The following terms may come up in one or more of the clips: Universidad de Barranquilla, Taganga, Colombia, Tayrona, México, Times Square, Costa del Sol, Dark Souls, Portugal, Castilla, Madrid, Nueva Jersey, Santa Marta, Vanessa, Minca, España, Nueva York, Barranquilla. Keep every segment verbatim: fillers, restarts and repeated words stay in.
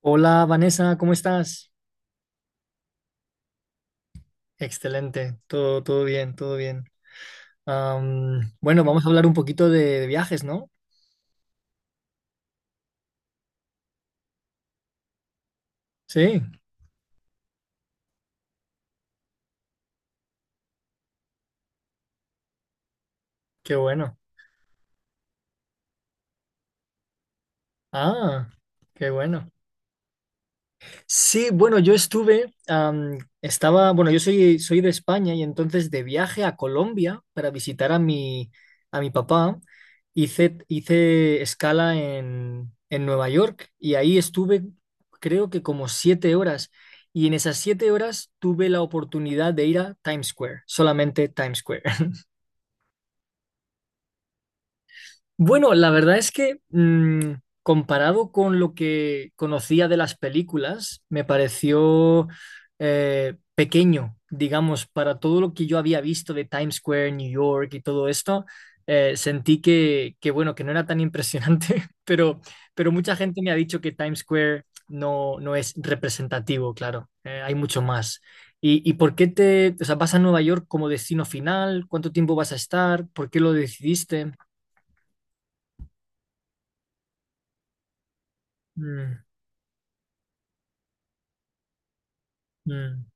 Hola, Vanessa, ¿cómo estás? Excelente, todo, todo bien, todo bien. Am, bueno, vamos a hablar un poquito de, de viajes, ¿no? Sí, qué bueno. Ah, qué bueno. Sí, bueno, yo estuve, am, estaba, bueno, yo soy, soy de España y entonces de viaje a Colombia para visitar a mi, a mi papá, hice, hice escala en, en Nueva York y ahí estuve creo que como siete horas, y en esas siete horas tuve la oportunidad de ir a Times Square, solamente Times Square. Bueno, la verdad es que mm, comparado con lo que conocía de las películas, me pareció eh, pequeño, digamos, para todo lo que yo había visto de Times Square, New York y todo esto. Eh, sentí que, que, bueno, que no era tan impresionante, pero, pero mucha gente me ha dicho que Times Square no, no es representativo, claro, eh, hay mucho más. ¿Y, y por qué te, o sea, vas a Nueva York como destino final? ¿Cuánto tiempo vas a estar? ¿Por qué lo decidiste? Mm. Mm,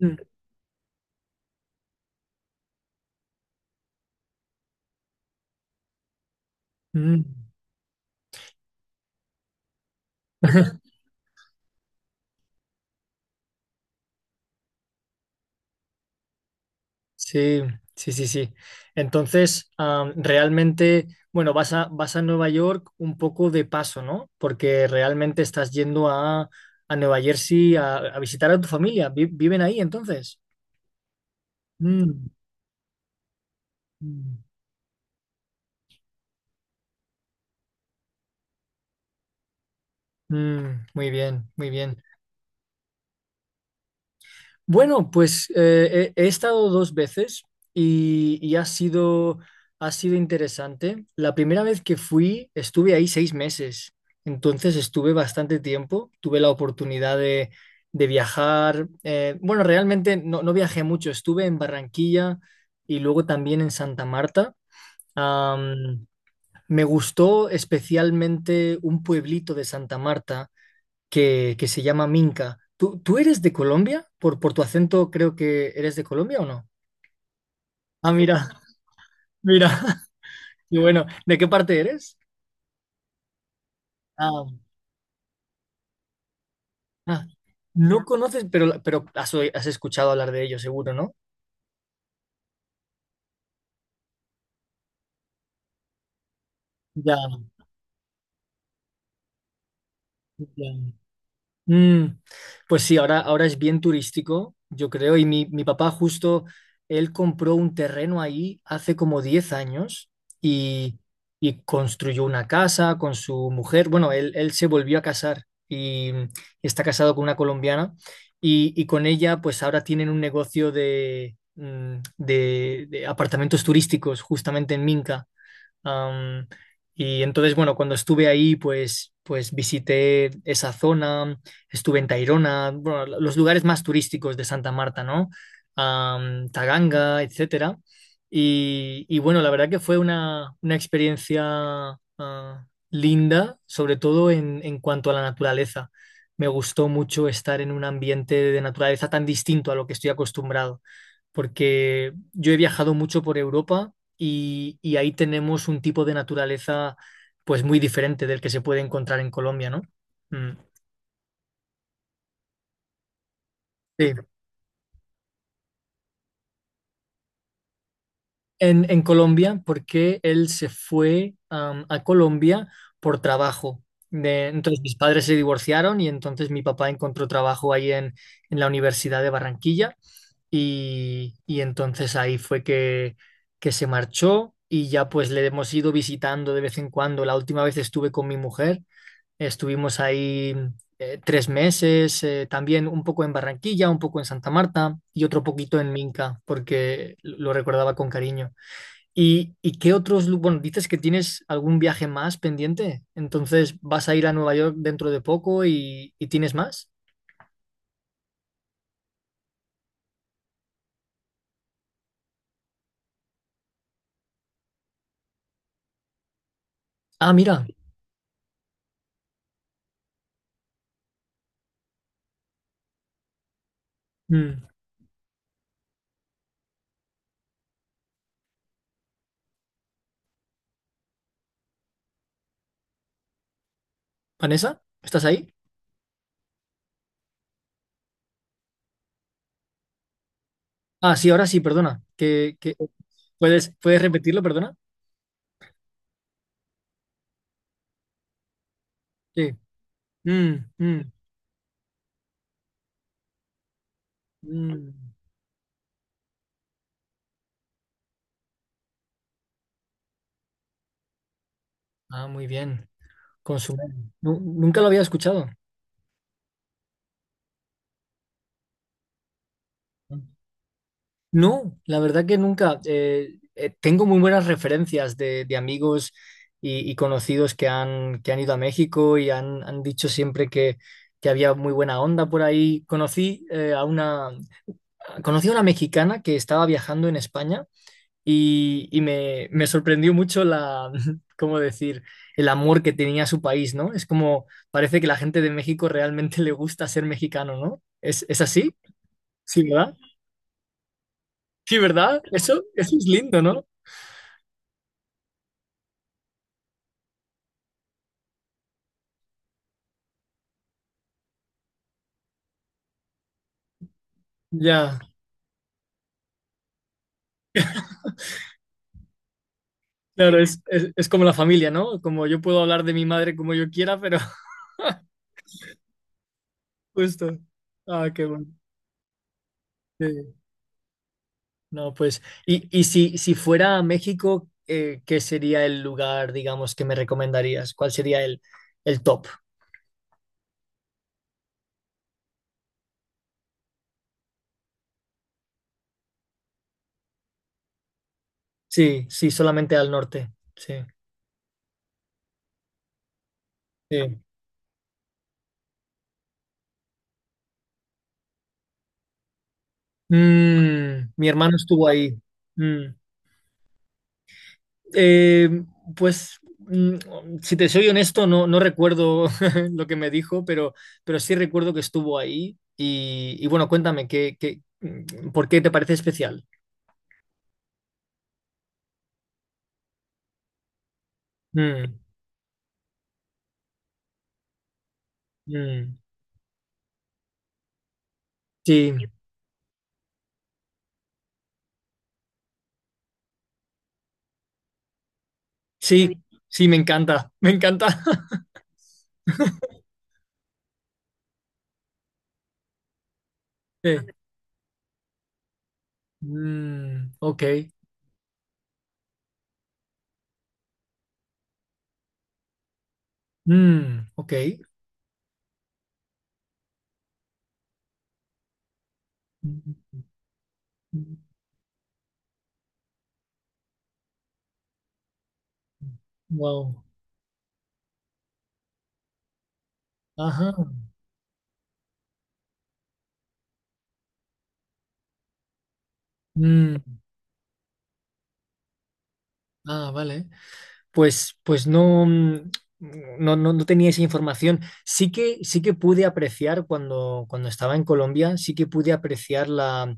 mm, mm. Sí, sí, sí, sí. Entonces, am, realmente, bueno, vas a, vas a Nueva York un poco de paso, ¿no? Porque realmente estás yendo a, a Nueva Jersey a, a visitar a tu familia. Vi- ¿Viven ahí entonces? Mm, mm, mm, muy bien, muy bien. Bueno, pues eh, he, he estado dos veces y, y ha sido, ha sido interesante. La primera vez que fui, estuve ahí seis meses, entonces estuve bastante tiempo. Tuve la oportunidad de, de viajar. Eh, bueno, realmente no, no viajé mucho, estuve en Barranquilla y luego también en Santa Marta. Am, Me gustó especialmente un pueblito de Santa Marta que, que se llama Minca. ¿Tú, tú eres de Colombia? Por, por tu acento creo que eres de Colombia o no. Ah, mira, mira. Y bueno, ¿de qué parte eres? Ah, ah, no conoces, pero, pero has, oí- has escuchado hablar de ellos, seguro, ¿no? Ya, ya. Mm, pues sí, ahora, ahora es bien turístico, yo creo, y mi, mi papá justo, él compró un terreno ahí hace como diez años y, y construyó una casa con su mujer. Bueno, él, él se volvió a casar y mm, está casado con una colombiana y, y con ella pues ahora tienen un negocio de, mm, de, de apartamentos turísticos justamente en Minca. Am, y entonces, bueno, cuando estuve ahí, pues, pues visité esa zona, estuve en Tayrona, bueno, los lugares más turísticos de Santa Marta, ¿no? Am, Taganga, etcétera. Y, y bueno, la verdad que fue una, una experiencia ah, linda, sobre todo en, en cuanto a la naturaleza. Me gustó mucho estar en un ambiente de naturaleza tan distinto a lo que estoy acostumbrado, porque yo he viajado mucho por Europa y, y ahí tenemos un tipo de naturaleza pues muy diferente del que se puede encontrar en Colombia, ¿no? Mm, sí. En, en Colombia, porque él se fue am, a Colombia por trabajo. De- entonces mis padres se divorciaron y entonces mi papá encontró trabajo ahí en, en la Universidad de Barranquilla y, y entonces ahí fue que, que se marchó y ya pues le hemos ido visitando de vez en cuando. La última vez estuve con mi mujer. Estuvimos ahí eh, tres meses, eh, también un poco en Barranquilla, un poco en Santa Marta y otro poquito en Minca, porque lo recordaba con cariño. ¿Y, y qué otros, lu- bueno, dices que tienes algún viaje más pendiente? Entonces, ¿vas a ir a Nueva York dentro de poco y, y tienes más? Ah, mira. Mm. ¿Vanessa? ¿Estás ahí? Ah, sí, ahora sí, perdona. Que que puedes puedes repetirlo, perdona? Sí. Mm, mm, mm. Ah, muy bien. Consumé. Nu- nunca lo había escuchado. No, la verdad que nunca. Eh, eh, tengo muy buenas referencias de, de amigos y, y conocidos que han, que han ido a México y han, han dicho siempre que, que había muy buena onda por ahí. Conocí, eh, a una, conocí a una mexicana que estaba viajando en España y, y me, me sorprendió mucho la, ¿cómo decir?, el amor que tenía a su país, ¿no? Es como, parece que la gente de México realmente le gusta ser mexicano, ¿no? ¿Es, es así? Sí. Sí, ¿verdad? Eso, eso es lindo, ¿no? Ya, claro, es, es, es como la familia, ¿no? Como yo puedo hablar de mi madre como yo quiera, pero justo. Ah, qué bueno. Sí. No, pues, y, y si, si fuera a México, eh, ¿qué sería el lugar, digamos, que me recomendarías? ¿Cuál sería el, el top? Sí, sí, solamente al norte. Sí, sí. Mm, mi hermano estuvo ahí. Mm. Eh, pues, mm, si te soy honesto, no, no recuerdo lo que me dijo, pero, pero sí recuerdo que estuvo ahí. Y, y bueno, cuéntame, ¿qué, qué, mm, por qué te parece especial? Mm, mm, sí, sí, sí, me encanta, me encanta. Sí. Mm, ok, mm, ok. Mm, mm, mm, wow. Ajá. Mm, ah, vale. Pues, pues no, mm, no, no, no tenía esa información. Sí que, sí que pude apreciar cuando, cuando estaba en Colombia, sí que pude apreciar la,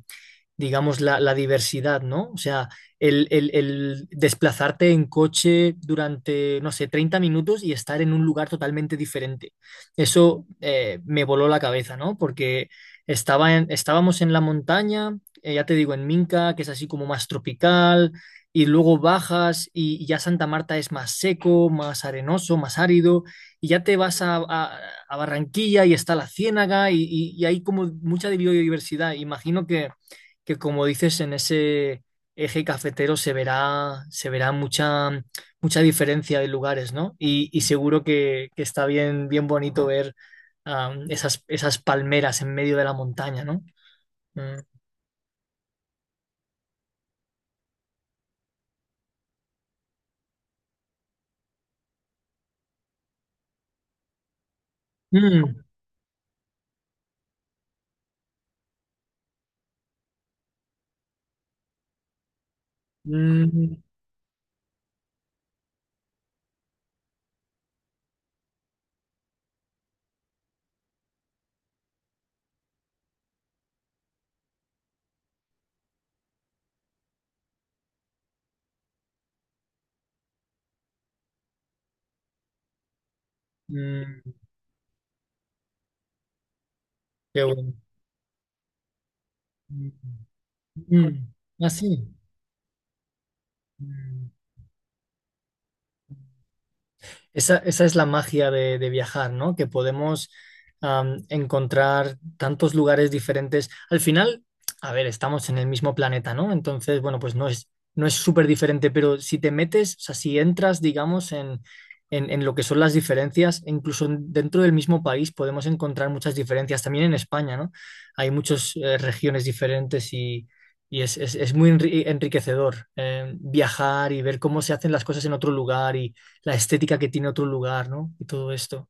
digamos, la, la diversidad, ¿no? O sea, el, el- el desplazarte en coche durante, no sé, treinta minutos y estar en un lugar totalmente diferente. Eso eh, me voló la cabeza, ¿no? Porque estaba en- estábamos en la montaña, eh, ya te digo, en Minca, que es así como más tropical, y luego bajas y, y ya Santa Marta es más seco, más arenoso, más árido, y ya te vas a, a- a Barranquilla y está la Ciénaga y, y y hay como mucha biodiversidad. Imagino que que como dices, en ese eje cafetero se verá, se verá mucha, mucha diferencia de lugares, ¿no? Y, y seguro que, que está bien, bien bonito ver am, esas, esas palmeras en medio de la montaña, ¿no? Mm. Mm, mm, mm, qué bueno. Mm, mm. Ah, sí. Mm. Esa, esa es la magia de, de viajar, ¿no? Que podemos am, encontrar tantos lugares diferentes. Al final, a ver, estamos en el mismo planeta, ¿no? Entonces, bueno, pues no es, no es súper diferente, pero si te metes, o sea, si entras, digamos, en, en, en lo que son las diferencias, incluso en- dentro del mismo país podemos encontrar muchas diferencias. También en España, ¿no? Hay muchas eh, regiones diferentes y... Y es, es- es muy enri- enriquecedor eh, viajar y ver cómo se hacen las cosas en otro lugar y, la estética que tiene otro lugar, ¿no? Y todo esto.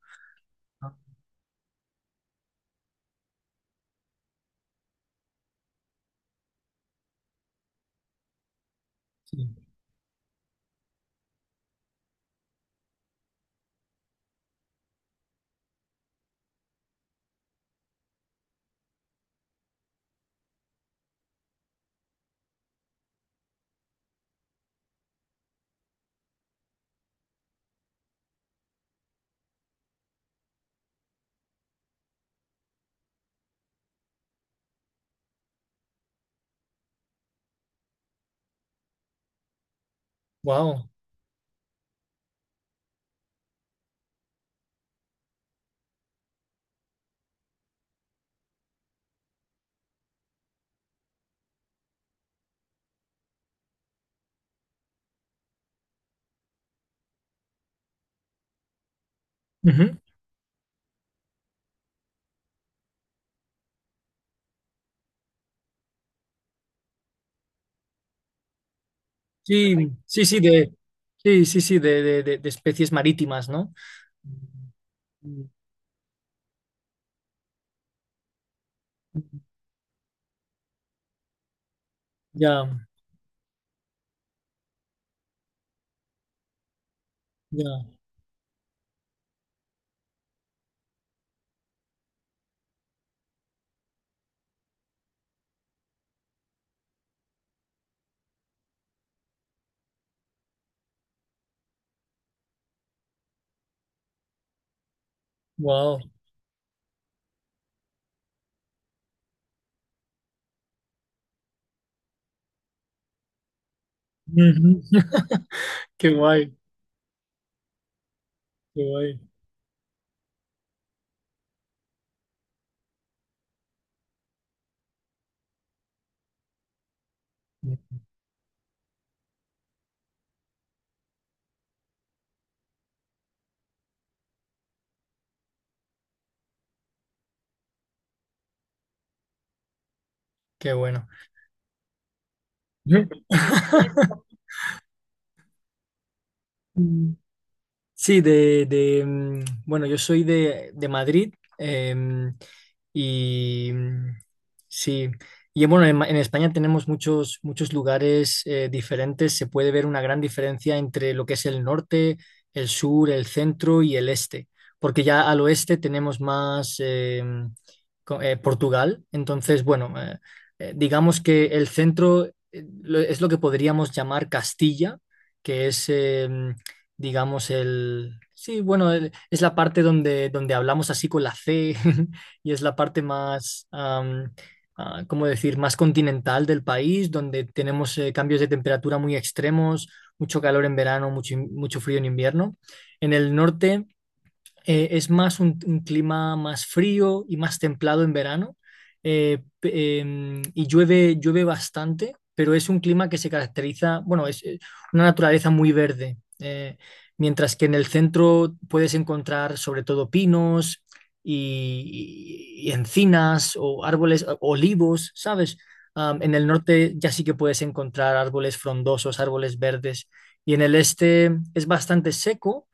¿No? Wow. Ujú. Sí, sí, sí, de, sí, sí, sí, de, de- de- de especies marítimas, ¿no? Ya, ya. Wow. Ujú. Qué guay, qué guay. Qué bueno. Ujú. Sí, de, de, mm, bueno, yo soy de, de Madrid em, y mm, sí, y bueno, en, Ma- en España tenemos muchos, muchos lugares eh, diferentes, se puede ver una gran diferencia entre lo que es el norte, el sur, el centro y el este, porque ya al oeste tenemos más em, co- eh, Portugal, entonces bueno, eh, eh, digamos que el centro eh, lo- es lo que podríamos llamar Castilla, que es... em, digamos, el... Sí, bueno, el- es la parte donde, donde hablamos así con la C y es la parte más, am, ah, ¿cómo decir?, más continental del país, donde tenemos eh, cambios de temperatura muy extremos, mucho calor en verano, mucho, in- mucho frío en invierno. En el norte... Eh, es más un, un clima más frío y más templado en verano eh, p- em, y llueve, llueve bastante, pero es un clima que se caracteriza, bueno, es eh, una naturaleza muy verde, eh, mientras que en el centro puedes encontrar sobre todo pinos y, y- y encinas o árboles, o- olivos, ¿sabes? Am, en el norte ya sí que puedes encontrar árboles frondosos, árboles verdes, y en el este es bastante seco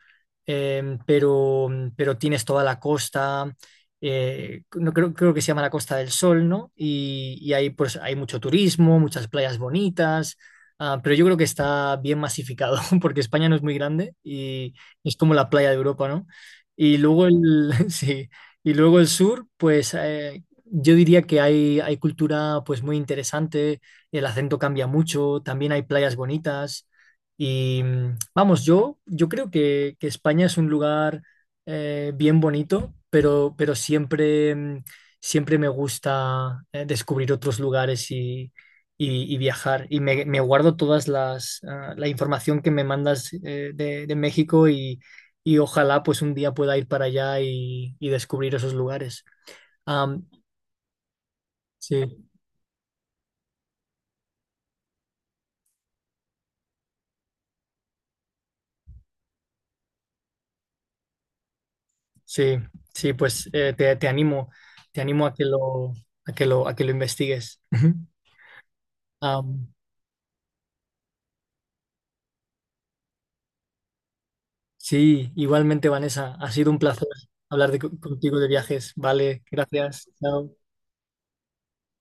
em, pero, pero tienes toda la costa, eh, no, creo, creo que se llama la Costa del Sol, ¿no? Y, y ahí pues hay mucho turismo, muchas playas bonitas, ah, pero yo creo que está bien masificado, porque España no es muy grande y es como la playa de Europa, ¿no? Y luego el, sí, y luego el sur, pues eh, yo diría que hay, hay cultura pues muy interesante, el acento cambia mucho, también hay playas bonitas. Y mm, vamos, yo, yo creo que, que España es un lugar eh, bien bonito, pero, pero siempre, mm, siempre me gusta eh, descubrir otros lugares y, y- y viajar. Y me, me guardo todas las ah, la información que me mandas eh, de, de México y, y ojalá pues un día pueda ir para allá y, y descubrir esos lugares. Am, sí, sí, sí, pues eh, te, te animo, te animo a que lo, a que lo, a que lo investigues. Am, sí, igualmente, Vanessa, ha sido un placer hablar de- contigo de viajes. Vale, gracias. Chao.